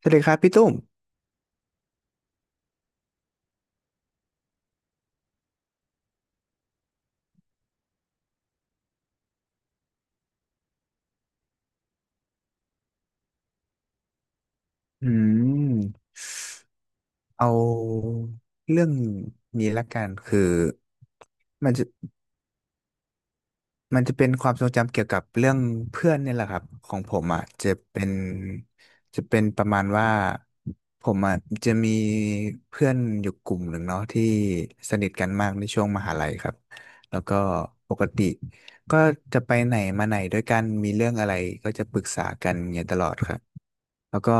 สวัสดีครับพี่ตุ้มอืมเอาเรื่องนี้ละกันคือมันจะมันจะเป็นความทรงจำเกี่ยวกับเรื่องเพื่อนเนี่ยแหละครับของผมอ่ะจะเป็นประมาณว่าผมอ่ะจะมีเพื่อนอยู่กลุ่มหนึ่งเนาะที่สนิทกันมากในช่วงมหาลัยครับแล้วก็ปกติก็จะไปไหนมาไหนด้วยกันมีเรื่องอะไรก็จะปรึกษากันอย่างเงี้ยตลอดครับแล้วก็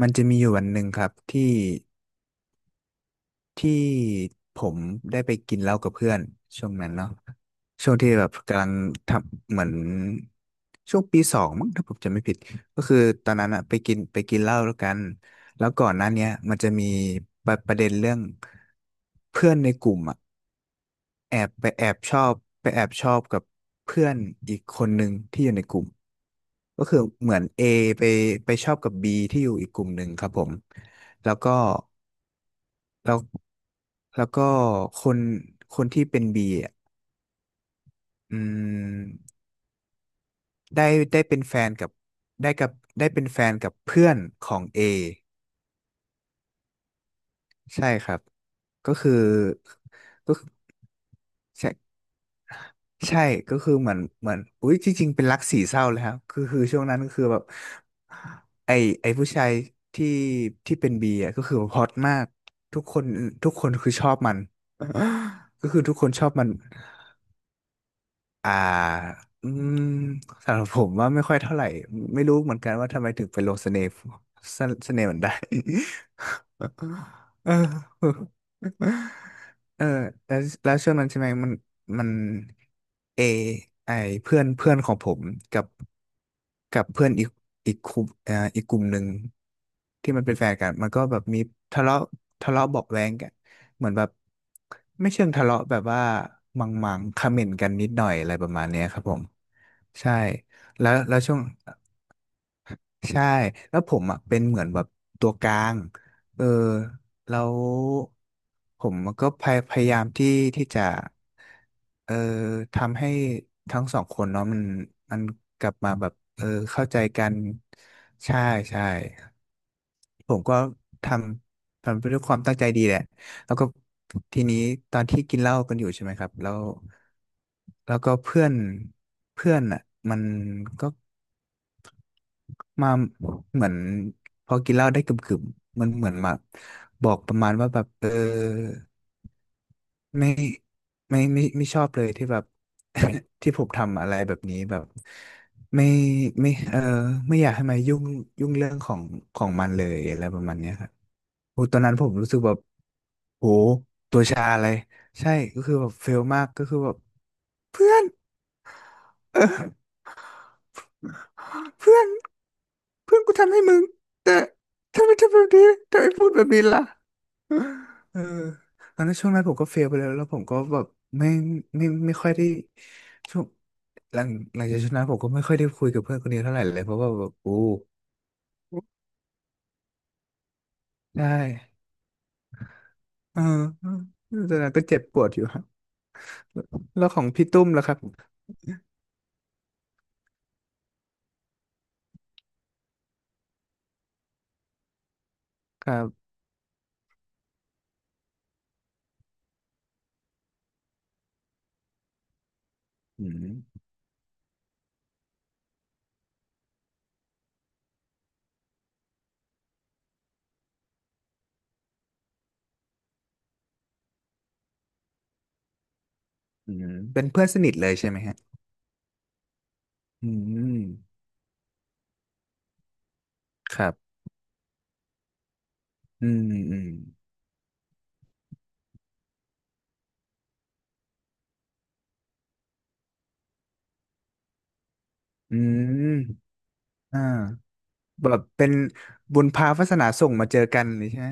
มันจะมีอยู่วันหนึ่งครับที่ผมได้ไปกินเหล้ากับเพื่อนช่วงนั้นเนาะช่วงที่แบบกำลังทำเหมือนช่วงปีสองมั้งถ้าผมจำไม่ผิดก็คือตอนนั้นอะไปกินเหล้าแล้วกันแล้วก่อนหน้าเนี้ยมันจะมีประเด็นเรื่องเพื่อนในกลุ่มอะแอบไปแอบชอบไปแอบชอบกับเพื่อนอีกคนหนึ่งที่อยู่ในกลุ่มก็คือเหมือน A ไปไปชอบกับ B ที่อยู่อีกกลุ่มหนึ่งครับผมแล้วก็ แล้วแล้วก็คนคนที่เป็นบีอ่ะอืมได้ได้เป็นแฟนกับได้กับได้เป็นแฟนกับเพื่อนของเอใช่ครับก็คือก็คือใช่ใช่ก็คือเหมือนอุ้ยจริงๆเป็นรักสี่เศร้าเลยครับคือช่วงนั้นก็คือแบบไอไอผู้ชายที่ที่เป็นบีอ่ะก็คือฮอตมากทุกคนทุกคนคือชอบมัน ก็คือทุกคนชอบมัน อ่า อืม สำหรับผมว่าไม่ค่อยเท่าไหร่ ไม่รู้เหมือนกันว่าทำไมถึงเป็นลงสเสน่ห์มันได้ เออเออแล้วช่วงนั้นใช่ไหมมันเอไอเพื่อนเพื่อนของผมกับกับเพื่อนอีกกลุ่มหนึ่งที่มันเป็นแฟนกันมันก็แบบมีทะเลาะทะเลาะเบาะแว้งกันเหมือนแบบไม่เชิงทะเลาะแบบว่ามังมังคอมเมนต์กันนิดหน่อยอะไรประมาณเนี้ยครับผมใช่แล้วแล้วช่วง ใช่แล้วผมอ่ะเป็นเหมือนแบบตัวกลางเออแล้วผมก็พยายามที่จะเออทำให้ทั้งสองคนเนาะมันกลับมาแบบเออเข้าใจกันใช่ใช่ผมก็ททำไปด้วยความตั้งใจดีแหละแล้วก็ทีนี้ตอนที่กินเหล้ากันอยู่ใช่ไหมครับแล้วก็เพื่อนเพื่อนอ่ะมันก็ มาเหมือนพอกินเหล้าได้กึ่มๆมันเหมือนมาบอกประมาณว่าแบบเออไม่ไม่ชอบเลยที่แบบ ที่ผมทำอะไรแบบนี้แบบไม่ไม่เออไม่อยากให้มายุ่งเรื่องของมันเลยอะไรประมาณเนี้ยครับโอ้ตอนนั้นผมรู้สึกแบบโหตัวชาเลยใช่ก็คือแบบเฟลมากก็คือแบบเพื่อนเออ เพื่อนเพื่อนกูทำให้มึงแต่ทำไมทำแบบนี้ทำไมพูดแบบนี้ล่ะเออตอนนั้นช่วงนั้นผมก็เฟลไปแล้วผมก็แบบไม่ไม่ค่อยได้ช่วงหลังหลังจากช่วงนั้นผมก็ไม่ค่อยได้คุยกับเพื่อนคนนี้เท่าไหร่เลยเพราะว่าแบบโอ้ได้เออตอนนั้นก็เจ็บปวดอยู่ครับแล้วของพี่ตุ้มล่ะครับครับอืมอืมเป็นเพื่อนสนิทเลยใช่ไหมฮะอืมครับอืมอืมอืม อ่าแบบเป็นบุญพาวาสนาส่งมาเจอกันเลยใช่ไหม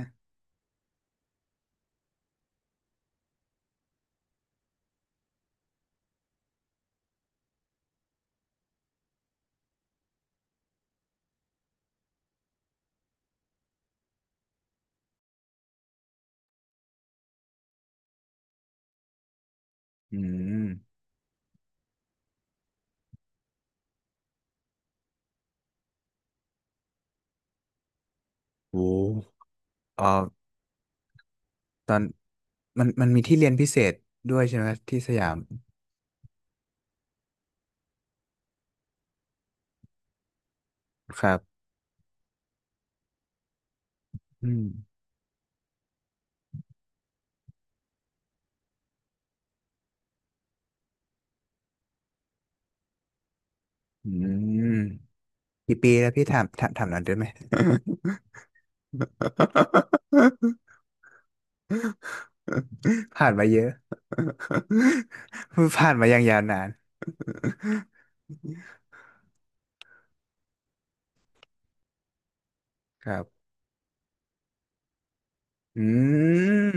อืมโอ้เออตอนมันมีที่เรียนพิเศษด้วยใช่ไหมที่สยามครับอืมอืมกี่ปีแล้วพี่ถามหน่อนได้ไหม ผ่านมาเยอะ ผ่านมาอย่างยาวนานครับอืม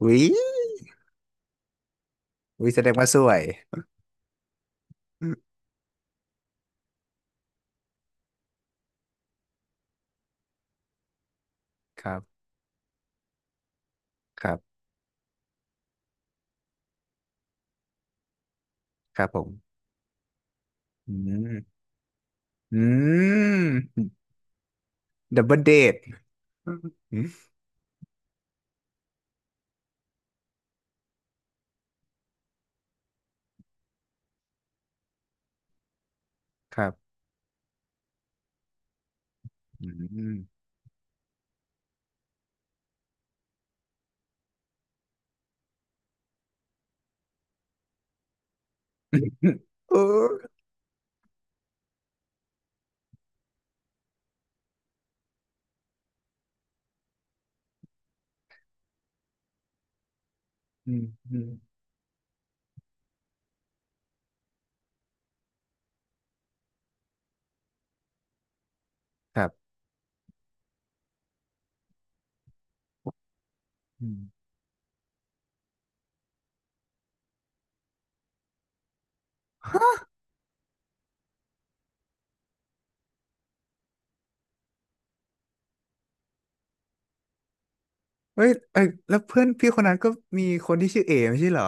วิแสดงว่าสวยครับครับครับผมอืม อืมดับเบิลเดทครับอืม เอออืมอืมครับอืมเฮ้ยเอ้ยแล้วเพื่อนพี่คนนั้นก็มีคนที่ชื่อเอไม่ใช่เหรอ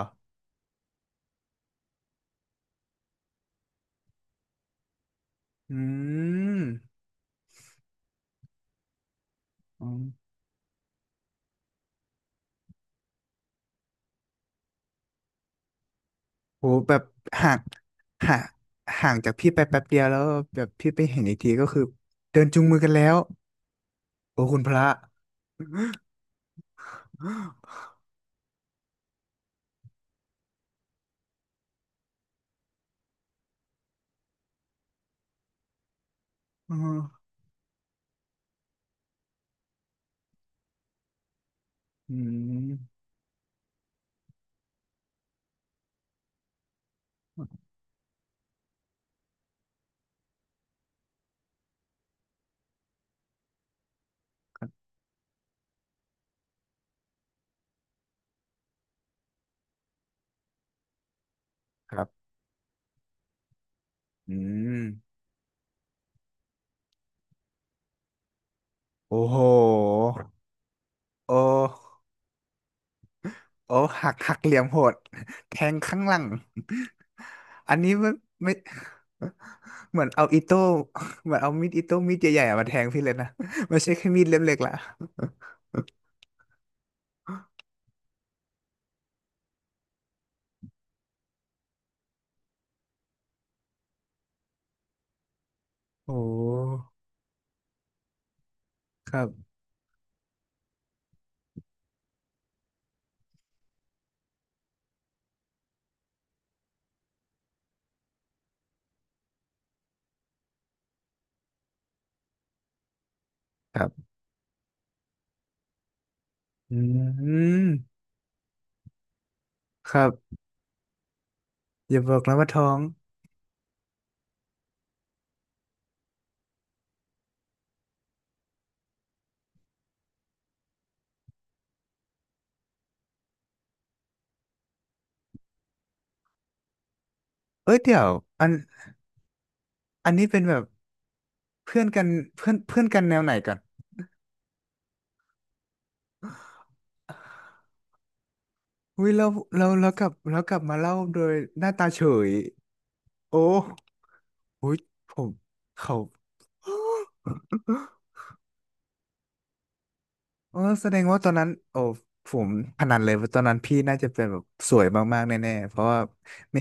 อืมอืมโหแบบห่างห่างห่างจากพี่ไปแป๊บเดียวแล้วแบบพี่ไปเห็นอีกทีก็คือเดินจูงมือกันแล้วโอ้คุณพระ อืมอืมครับอืมโอ้โหโอ้ โอ้หักหักเหลี่ยมโหด แทงข้างหลัง อันนี้ไม่เหมือนเอาอิโต้ เหมือนเอามีดอิโต้มีดใหญ่ๆอะมาแทงพี่เลยนะ ไม่ใช่แค่มีดเล่มเล็กละ โอ้ครับครับอืมครับอย่าบอกนะว่าท้องเอ้ยเดี๋ยวอันอันนี้เป็นแบบเพื่อนกันเพื่อนกันแนวไหนกันอุ้ยเรากลับมาเล่าโดยหน้าตาเฉยโอ้อุ้ยผมเขา เออแสดงว่าตอนนั้นโอ้ผมพนันเลยว่าตอนนั้นพี่น่าจะเป็นแบบสวยมากๆแน่ๆเพราะว่าไม่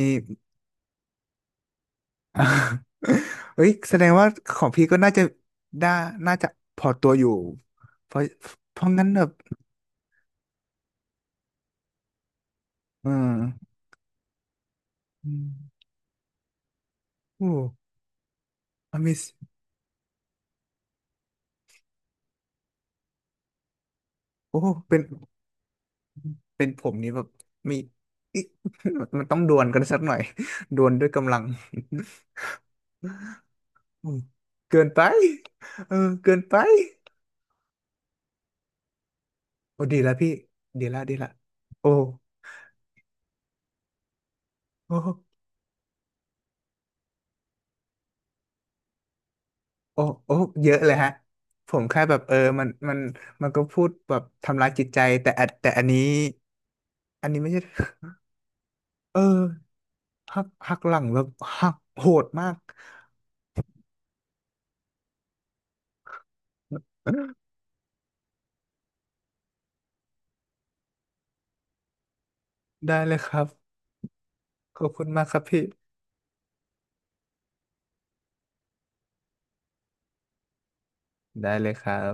เอ้ยแสดงว่าของพี่ก็น่าจะได้น่าจะพอตัวอยู่เพราะเพราะงั้นแบบเอออมโอ้ Amazing โอ้เป็นเป็นผมนี้แบบมีอิ๊ะมันต้องดวลกันสักหน่อยดวลด้วยกำลัง อืมเกินไปเออเกินไปโอ้ดีละพี่ดีละดีละโอ้โอ้ โอ้โอ้เยอะเลยฮะผมแค่แบบเออมันก็พูดแบบทำร้ายจิตใจแต่อันนี้ไม่ใช่เออหักหลังแบบหักโหดมาก ได้เลยครับขอบคุณมากครับพี่ได้เลยครับ